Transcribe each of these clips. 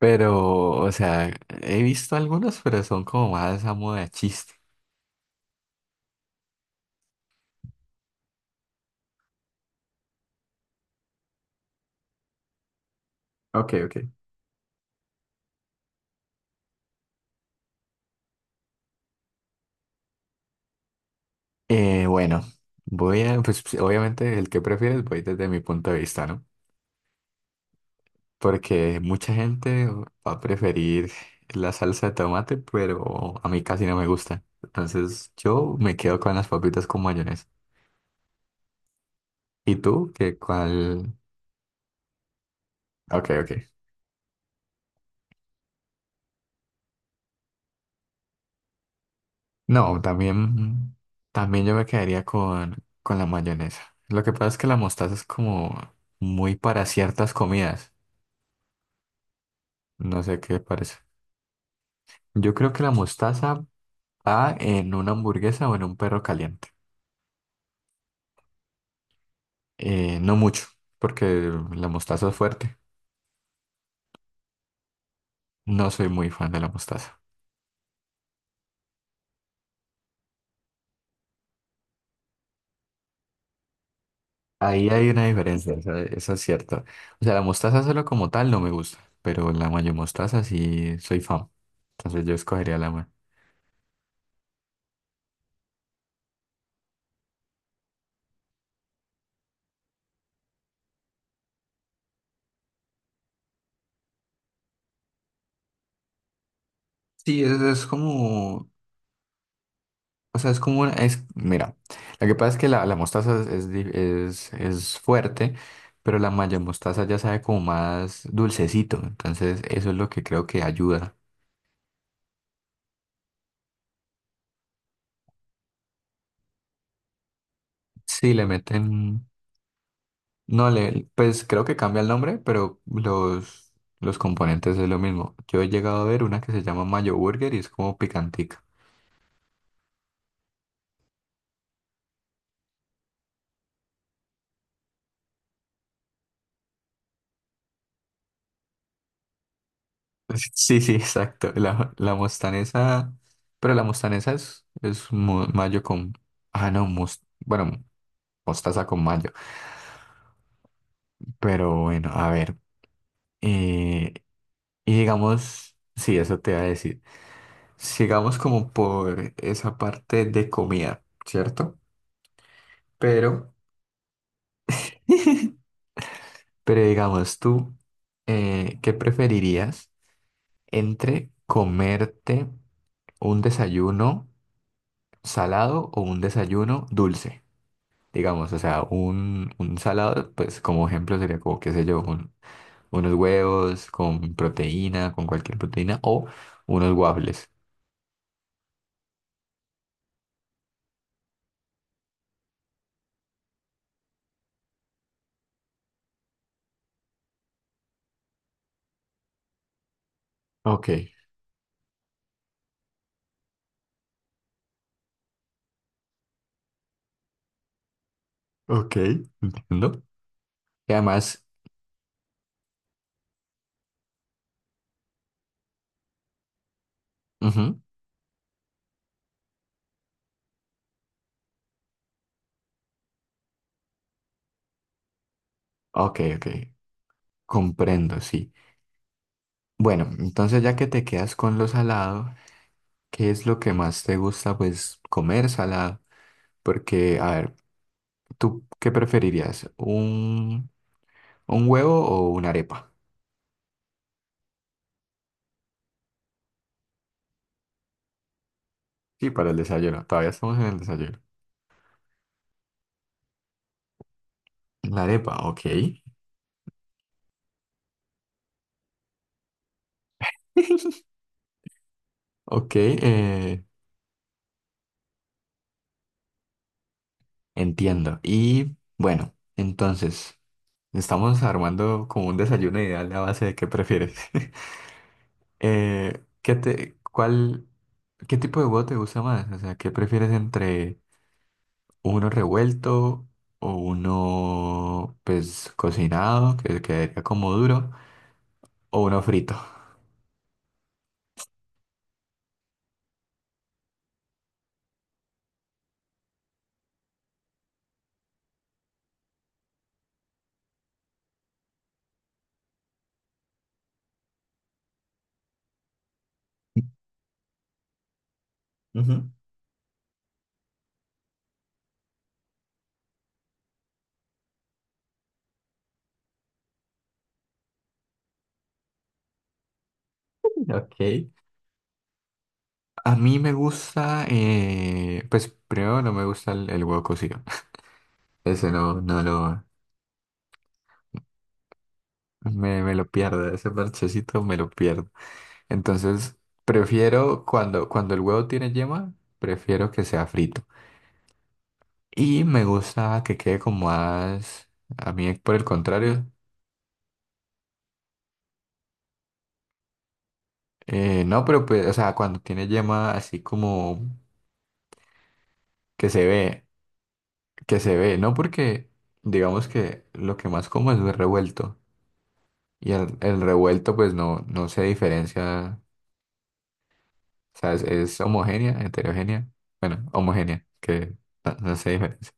Pero, o sea, he visto algunos, pero son como más a moda de chiste. Ok, ok. Eh, bueno, voy a, pues, obviamente el que prefieres voy desde mi punto de vista, ¿no? Porque mucha gente va a preferir la salsa de tomate, pero a mí casi no me gusta. Entonces yo me quedo con las papitas con mayonesa. ¿Y tú? ¿Qué cuál? Ok, ok. No, también, también yo me quedaría con la mayonesa. Lo que pasa es que la mostaza es como muy para ciertas comidas. No sé qué parece. Yo creo que la mostaza va en una hamburguesa o en un perro caliente. No mucho, porque la mostaza es fuerte. No soy muy fan de la mostaza. Ahí hay una diferencia, eso es cierto. O sea, la mostaza solo como tal no me gusta, pero la mayo mostaza sí soy fan. Entonces yo escogería la mayo. Sí, es como. O sea, es como una, es, mira, lo que pasa es que la mostaza es, es fuerte, pero la maya mostaza ya sabe como más dulcecito, entonces eso es lo que creo que ayuda. Sí, le meten, no le, pues creo que cambia el nombre, pero los componentes es lo mismo. Yo he llegado a ver una que se llama mayo burger y es como picantica. Sí, sí, exacto. La mostanesa, pero la mostanesa es, mayo con, ah, no, bueno, mostaza con mayo. Pero bueno, a ver. eh, y digamos, sí, eso te iba a decir. Sigamos como por esa parte de comida, ¿cierto? Pero, pero digamos, tú, ¿qué preferirías entre comerte un desayuno salado o un desayuno dulce? Digamos, o sea, un salado, pues como ejemplo sería como, qué sé yo, unos huevos con proteína, con cualquier proteína, o unos waffles. Ok, ok, entiendo. Y además, ujú, ok, ok, comprendo, sí. Bueno, entonces ya que te quedas con lo salado, ¿qué es lo que más te gusta, pues, comer salado? Porque, a ver, ¿tú qué preferirías? Un huevo o una arepa? Sí, para el desayuno, todavía estamos en el desayuno. La arepa, ok. Ok, entiendo. Y bueno, entonces, estamos armando como un desayuno ideal a base de qué prefieres. Cuál, ¿qué tipo de huevo te gusta más? O sea, ¿qué prefieres entre uno revuelto o uno, pues, cocinado, que quedaría como duro, o uno frito? Ujú. Ok. A mí me gusta, pues, primero no me gusta el huevo cocido. Ese no, me lo pierdo, ese parchecito me lo pierdo. Entonces, prefiero cuando el huevo tiene yema, prefiero que sea frito. Y me gusta que quede como más, a mí por el contrario, no, pero pues, o sea, cuando tiene yema así como que se ve, que se ve, no porque digamos que lo que más como es el revuelto y el revuelto pues no, no se diferencia, o sea, es homogénea, heterogénea, bueno, homogénea, que no, no se diferencia.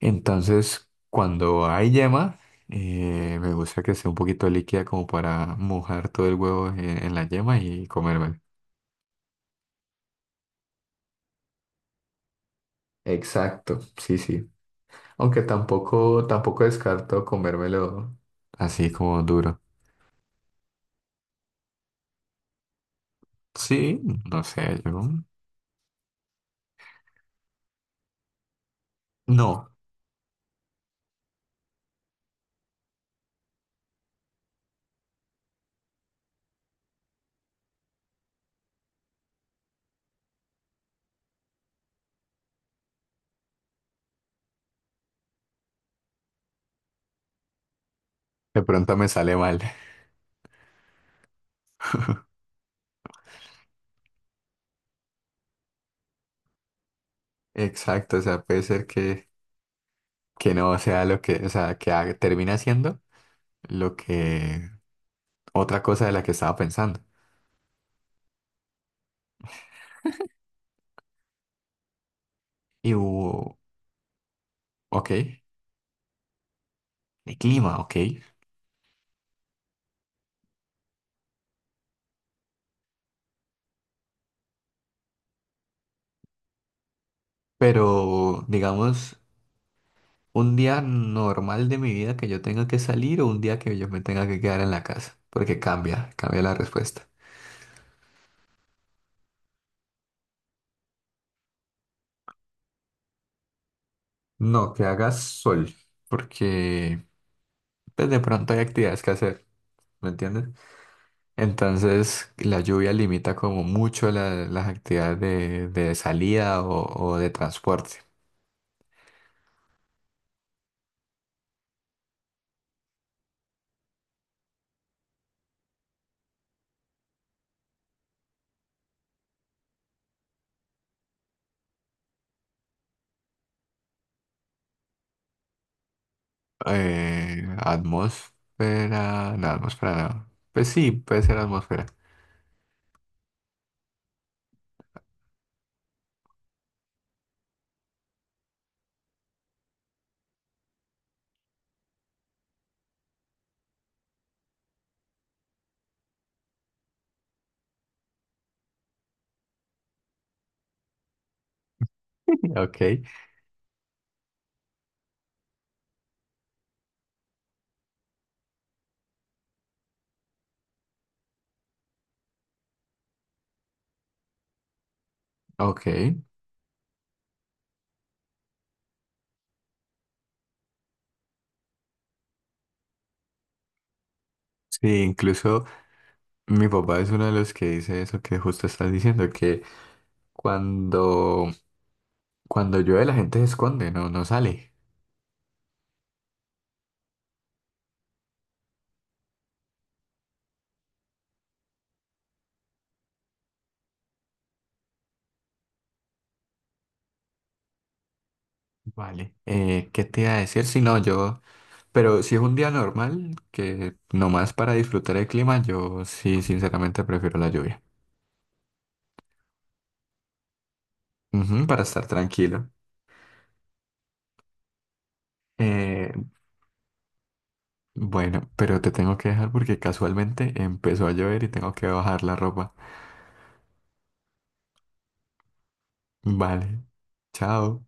Entonces, cuando hay yema, me gusta que sea un poquito líquida como para mojar todo el huevo en la yema y comérmelo. Exacto, sí, sí. Aunque tampoco, tampoco descarto comérmelo así como duro. Sí, no sé, yo no. De pronto me sale mal. Exacto, o sea, puede ser que no sea lo que, o sea, termine siendo lo que otra cosa de la que estaba pensando. Y hubo, ok. De clima, ok. Pero, digamos, un día normal de mi vida que yo tenga que salir o un día que yo me tenga que quedar en la casa, porque cambia, cambia la respuesta. No, que haga sol, porque pues, de pronto hay actividades que hacer, ¿me entiendes? Entonces, la lluvia limita como mucho las actividades de salida o de transporte. Atmósfera, no, atmósfera no. Pues sí, puede ser atmósfera. Ok, ok. Sí, incluso mi papá es uno de los que dice eso que justo estás diciendo, que cuando, cuando llueve la gente se esconde, no, no sale. Vale. ¿Qué te iba a decir? Si no, yo, pero si es un día normal, que nomás para disfrutar el clima, yo sí, sinceramente prefiero la lluvia. Ujú, para estar tranquilo. Eh, bueno, pero te tengo que dejar porque casualmente empezó a llover y tengo que bajar la ropa. Vale. Chao.